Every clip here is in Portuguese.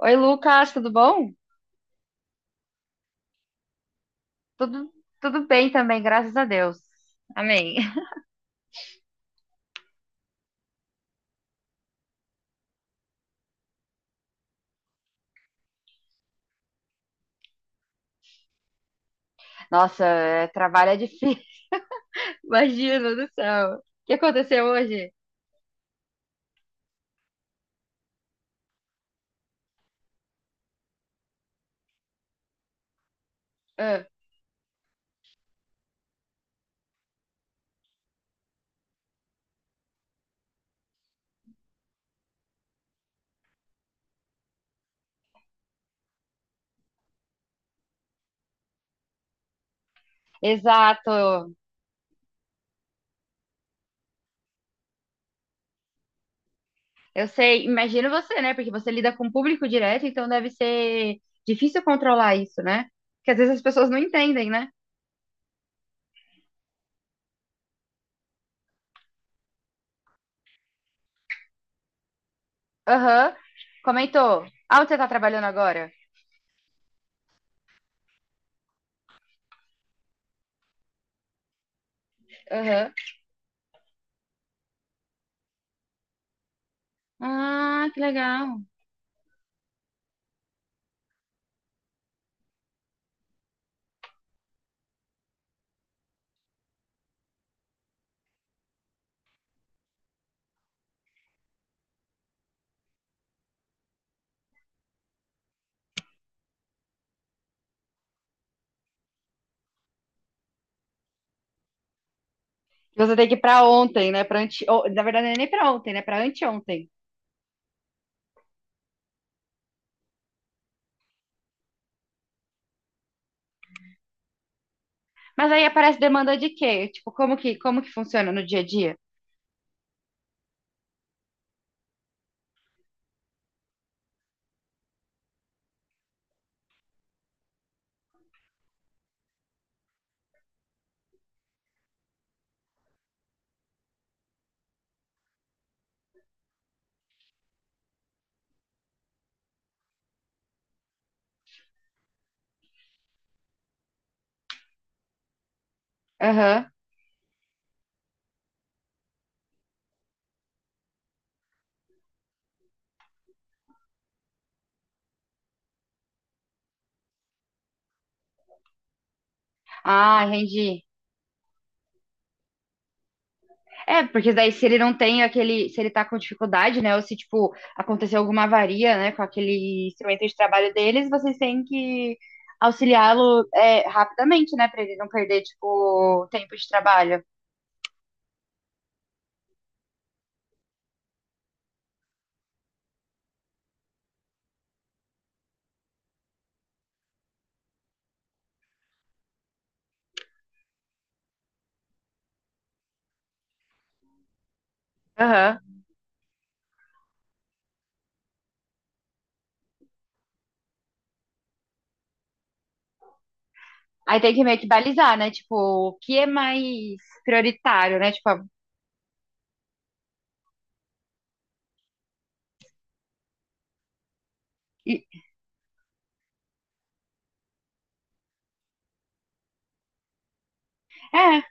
Oi, Lucas, tudo bom? Tudo, tudo bem também, graças a Deus. Amém. Nossa, é, trabalho é difícil. Imagina do céu. O que aconteceu hoje? Ah, exato. Eu sei, imagino você, né? Porque você lida com o público direto, então deve ser difícil controlar isso, né? Porque às vezes as pessoas não entendem, né? Aham. Comentou. Ah, onde você tá trabalhando agora? Aham. Ah, que legal. Você tem que ir pra ontem, né? Pra ante... ou, na verdade, não é nem pra ontem, né? Pra anteontem. Mas aí aparece demanda de quê? Tipo, como que funciona no dia a dia? Aham. Ah, entendi. É, porque daí se ele não tem aquele, se ele tá com dificuldade, né, ou se, tipo, aconteceu alguma avaria, né, com aquele instrumento de trabalho deles, vocês têm que auxiliá-lo, é, rapidamente, né, pra ele não perder, tipo, tempo de trabalho. Aham. Aí tem que meio que balizar, né, tipo, o que é mais prioritário, né, tipo, a- e- é,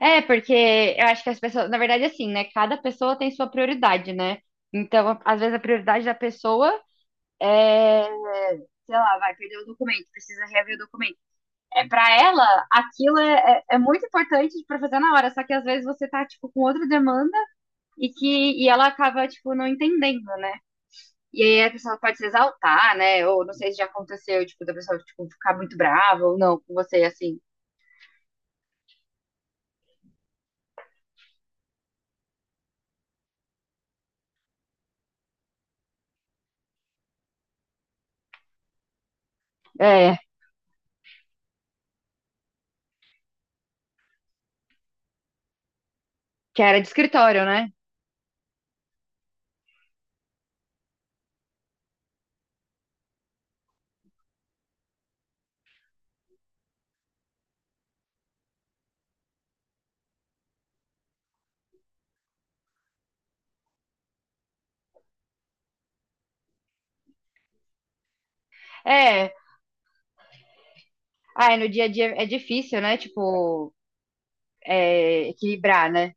é, porque eu acho que as pessoas, na verdade, é assim, né? Cada pessoa tem sua prioridade, né? Então, a- às vezes a prioridade da pessoa é, sei lá, vai perder o documento, precisa reaver o documento. É para ela, aquilo é muito importante para fazer na hora, só que às vezes você tá, tipo, com outra demanda e ela acaba, tipo, não entendendo, né? E aí a pessoa pode se exaltar, né? Ou não sei se já aconteceu, tipo, da pessoa, tipo, ficar muito brava ou não com você, assim. É, que era de escritório, né? É, ah, é no dia a dia é difícil, né? Tipo, é, equilibrar, né?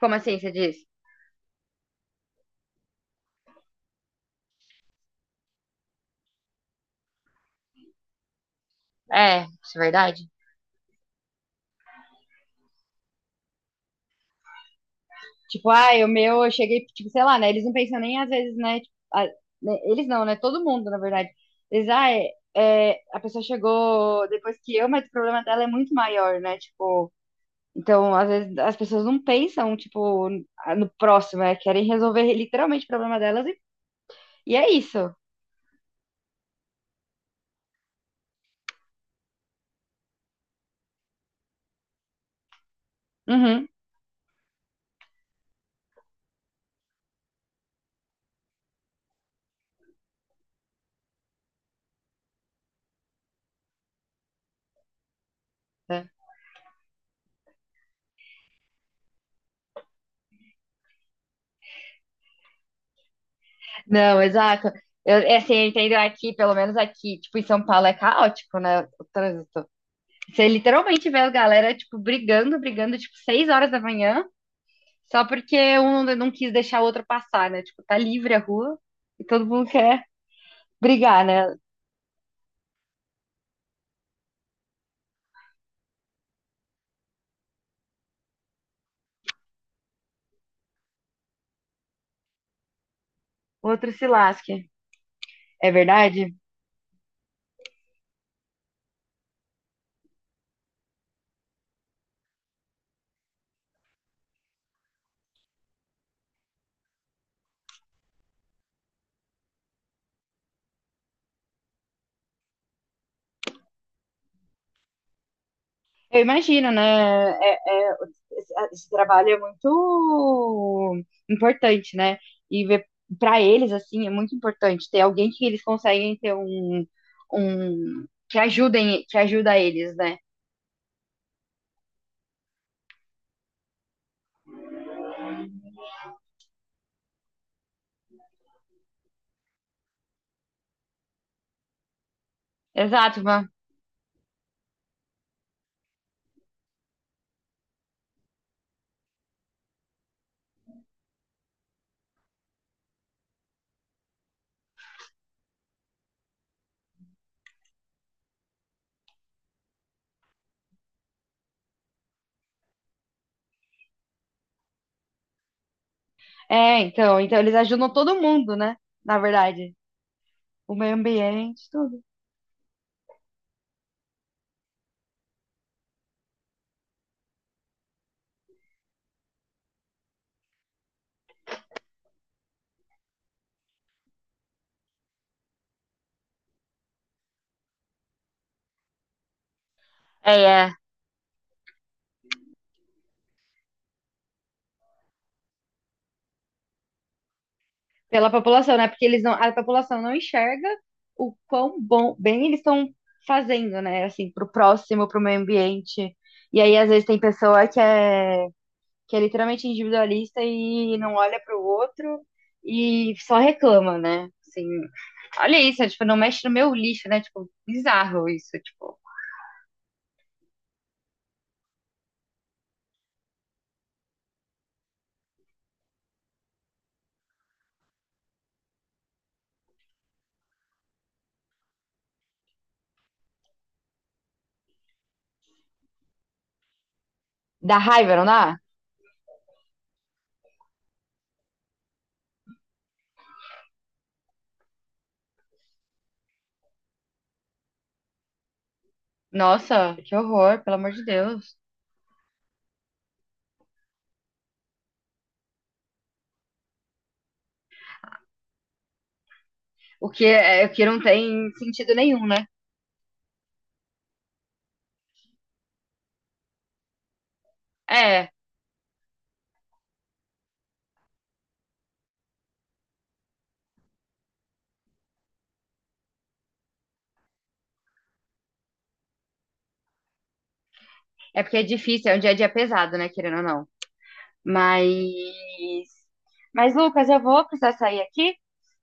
Como assim você diz? É, isso é verdade. Tipo, ah, o meu, eu cheguei, tipo, sei lá, né? Eles não pensam nem às vezes, né? Tipo, a- né, eles não, né? Todo mundo, na verdade. Eles, ah, é, é, a pessoa chegou depois que eu, mas o problema dela é muito maior, né? Tipo, então, às vezes, as pessoas não pensam, tipo, no próximo, né? Querem resolver literalmente o problema delas e é isso. Uhum. É. Não, exato. Eu, é assim, eu entendo aqui, pelo menos aqui, tipo, em São Paulo é caótico, né, o trânsito. Você literalmente vê a galera, tipo, brigando, tipo, 6 horas da manhã, só porque um não quis deixar o outro passar, né? Tipo, tá livre a rua e todo mundo quer brigar, né? O outro se lasque. É verdade? Eu imagino, né? É- é- esse trabalho é muito importante, né? E para eles, assim, é muito importante ter alguém que eles conseguem ter um, um que ajudem, que ajuda eles, né? Exato, mano. É, então, então eles ajudam todo mundo, né? Na verdade, o meio ambiente, tudo. É, é. Pela população, né? Porque eles não, a população não enxerga o quão bom, bem eles estão fazendo, né? Assim, pro próximo, pro meio ambiente. E aí, às vezes, tem pessoa que é literalmente individualista e não olha pro outro e só reclama, né? Assim, olha isso, tipo, não mexe no meu lixo, né? Tipo, bizarro isso, tipo. Dá raiva, não dá? Nossa, que horror, pelo amor de Deus. O que, é, o que não tem sentido nenhum, né? É, é porque é difícil, é um dia a dia pesado, né, querendo ou não. Mas. Mas, Lucas, eu vou precisar sair aqui,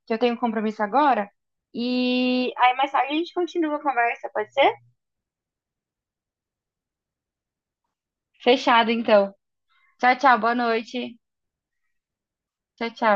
que eu tenho um compromisso agora. E aí mais tarde a gente continua a conversa, pode ser? Fechado, então. Tchau, tchau, boa noite. Tchau, tchau.